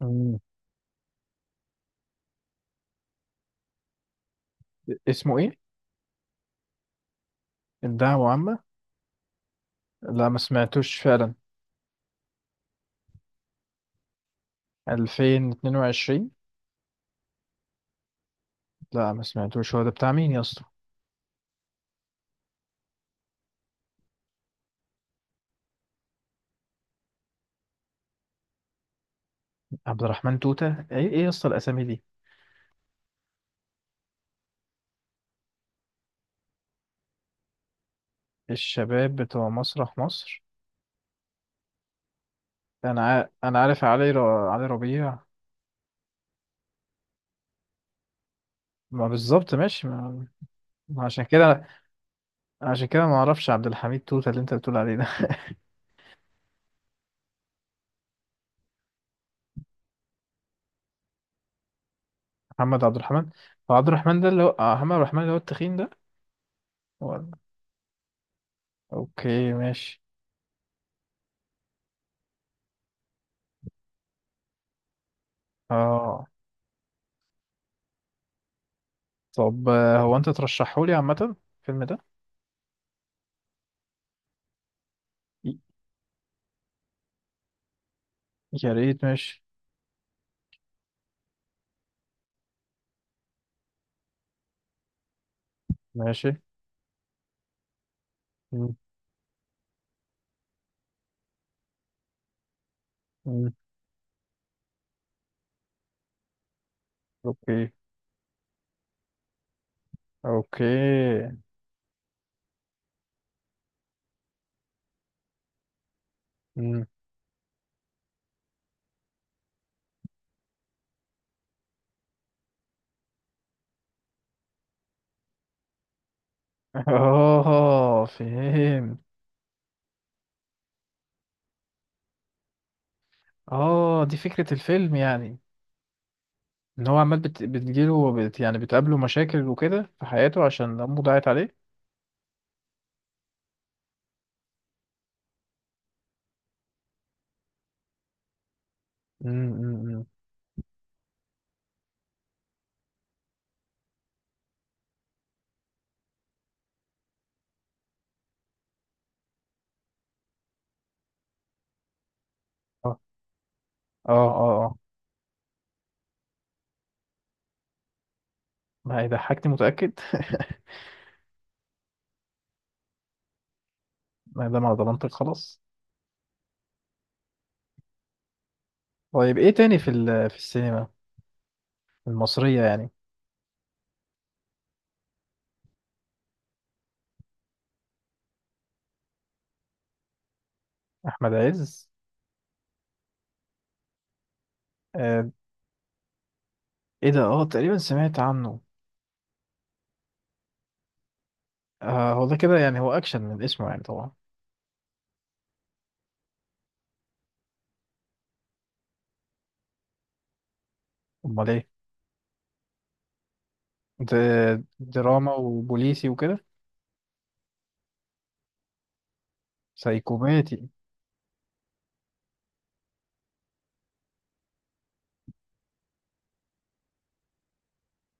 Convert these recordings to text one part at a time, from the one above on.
مم. اسمه ايه؟ الدعوة عامة. لا، ما سمعتوش فعلا. 2022. لا ما سمعتوش، هو ده بتاع مين يا اسطى؟ عبد الرحمن توتة. ايه ايه يا اسطى الاسامي دي؟ الشباب بتوع مسرح مصر. انا عارف علي ربيع. ما بالظبط ماشي. ما عشان كده ما اعرفش عبد الحميد توتة اللي انت بتقول عليه ده. محمد عبد الرحمن. هو عبد الرحمن ده اللي هو محمد عبد الرحمن اللي هو التخين ده؟ ولا؟ اوكي ماشي اه. طب هو انت ترشحه لي عامة الفيلم ده؟ يا ريت، ماشي ماشي. مم. مم. اوكي. اوكي. مم. اه، فهم. اه دي فكرة الفيلم يعني، ان هو عمال بتجيله يعني بتقابله مشاكل وكده في حياته عشان امه ضاعت عليه. مم. مم. مم. اه. اه. اه. آه. ما هي ضحكتي، متأكد؟ ما دام على ضمانتك خلاص. طيب ايه تاني في السينما المصرية يعني؟ احمد عز. آه. ايه ده؟ اه تقريبا سمعت عنه. آه، هو ده كده يعني، هو أكشن من اسمه يعني طبعا. أمال إيه؟ دراما وبوليسي وكده. سايكوباتي.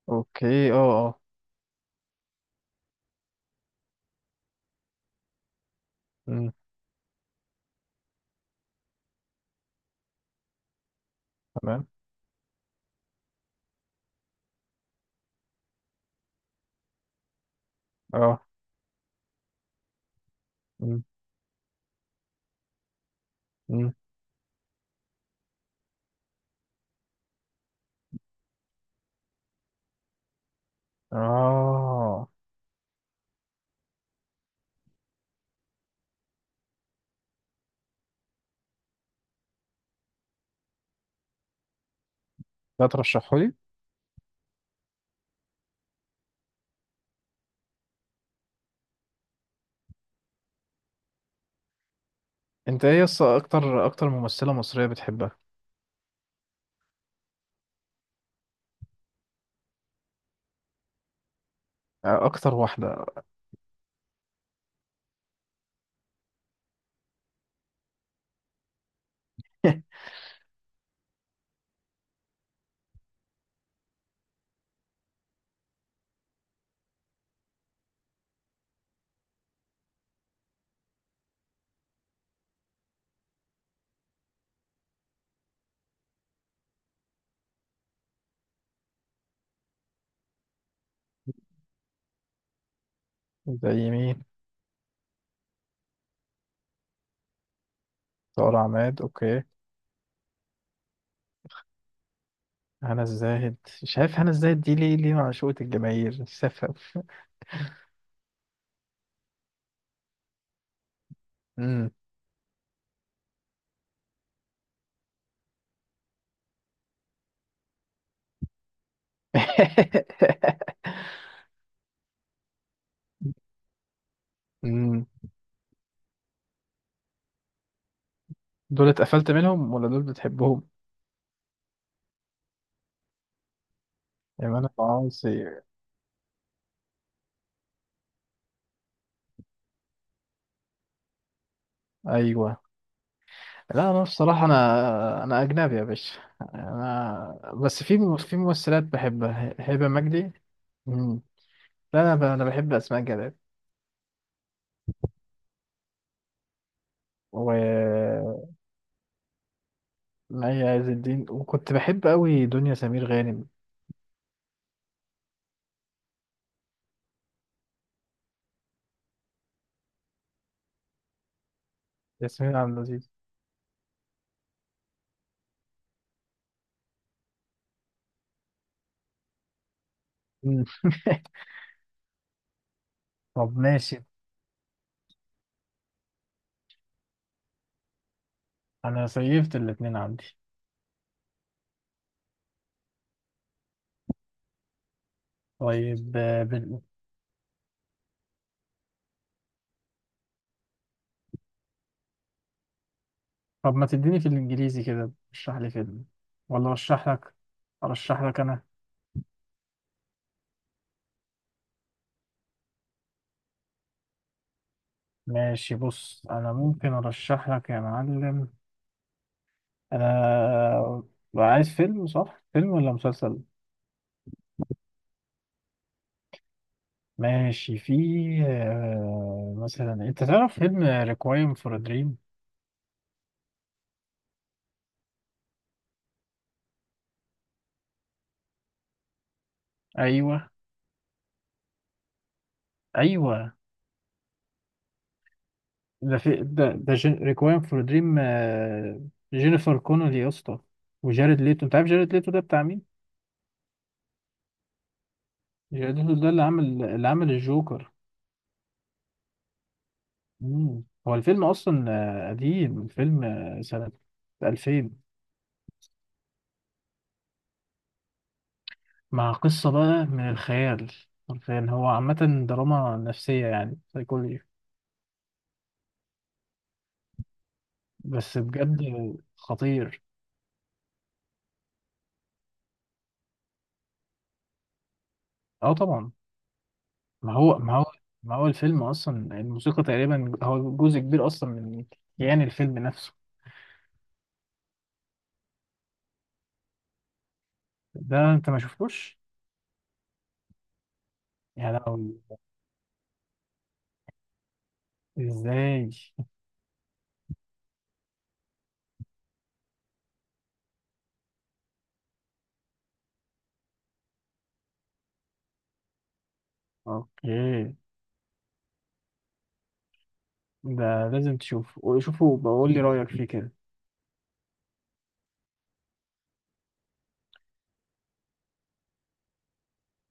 أوكي أه. أه. أمم، تمام. أه. أمم، أمم، أه. ده ترشحهولي. أنت إيه يس، أكتر ممثلة مصرية بتحبها؟ أكتر واحدة. زي مين؟ سارة عماد، أوكي. هنا الزاهد. شايف هنا الزاهد دي ليه معشوقة الجماهير سفه؟ أمم. أمم. دول اتقفلت منهم ولا دول بتحبهم؟ ايمن العاصي. ايوه. لا انا بصراحه انا اجنبي يا باشا. انا بس في ممثلات بحبها هبه مجدي. مم. لا انا بحب اسماء جلال ومي عز الدين، وكنت بحب قوي دنيا سمير غانم. ياسمين عبد العزيز. مم. طب ماشي، انا سيفت الاتنين عندي. طيب طب ما تديني في الانجليزي كده اشرح لي فيلم، ولا ارشح لك انا. ماشي، بص انا ممكن ارشح لك يا معلم. انا عايز فيلم، صح؟ فيلم ولا مسلسل؟ ماشي، في مثلا، انت تعرف فيلم ريكوايم فور دريم؟ ايوه. ايوه ده في ده ده ريكوايم فور دريم. جينيفر كونولي يا اسطى، وجارد ليتو. انت عارف جارد ليتو ده بتاع مين؟ جارد ليتو ده اللي عمل الجوكر. مم. هو الفيلم اصلا قديم. الفيلم سنة 2000، مع قصة بقى من الخيال. حرفيا هو عامة دراما نفسية يعني سايكولوجي. بس بجد خطير. اه طبعا. ما هو، ما هو، الفيلم اصلا الموسيقى تقريبا هو جزء كبير اصلا من كيان الفيلم نفسه. ده انت ما شفتوش؟ يا لهوي، ازاي؟ اوكي. ده لازم تشوفه، شوفه بقول لي رأيك فيه كده.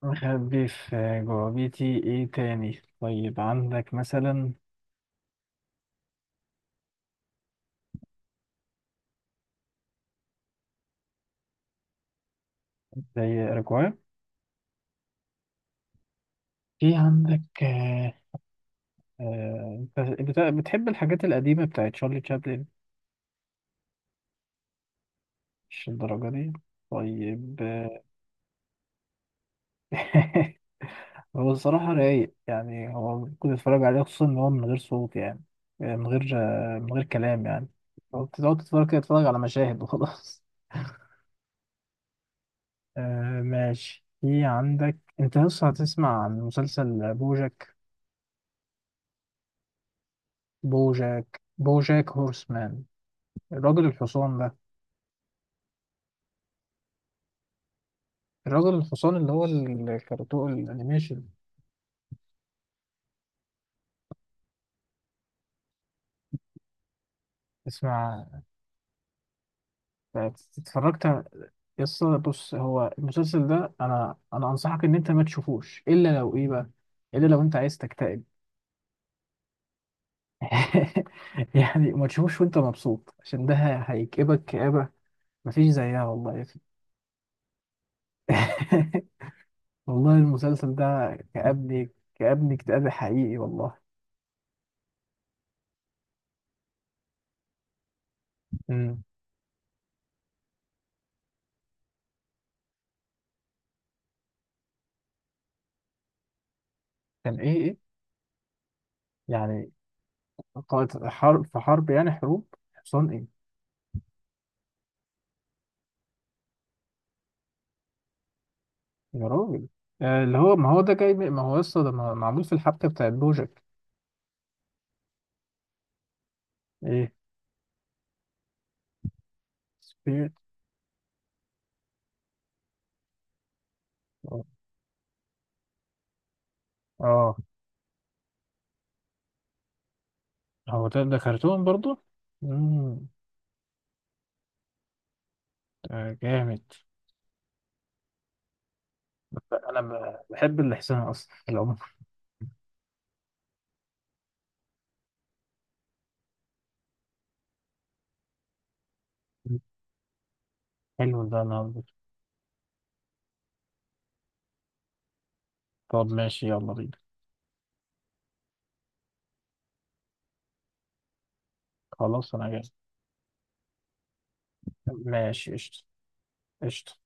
مخبي في جوابيتي ايه تاني؟ طيب عندك مثلا زي رجوع. في عندك أنت بتحب الحاجات القديمة بتاعت شارلي تشابلن؟ مش الدرجة دي. طيب. هو الصراحة رايق يعني، هو كنت اتفرج عليه خصوصا ان هو من غير صوت يعني، من غير من غير كلام يعني. هو بتقعد تتفرج كده، تتفرج على مشاهد وخلاص. آه ماشي. في عندك انت لسه، هتسمع عن مسلسل بوجاك؟ بوجاك هورسمان. الراجل الحصان ده. الراجل الحصان اللي هو الكرتون الانيميشن. تسمع. اتفرجت على- يس، بص هو المسلسل ده انا انصحك ان انت ما تشوفوش الا لو ايه بقى، الا لو انت عايز تكتئب. يعني ما تشوفوش وانت مبسوط، عشان ده هيكئبك كآبة مفيش زيها والله يا اخي. والله المسلسل ده كأبني كأبني اكتئاب حقيقي والله. مم. كان ايه ايه يعني، قائد حرب في حرب يعني حروب؟ حصان ايه؟ يا راجل اللي هو ما هو ده جاي من- ما هو يسطا ده معمول في الحبكة بتاعت بوجك. ايه؟ سبير. اه. آه. هو ده، ده كرتون برضو؟ امم. ده جامد. انا بحب الاحسان اصلا في العموم. حلو، ده انا هظبط. طب ماشي، يلا بينا. خلاص انا جاي. ماشي قشطة. قشطة.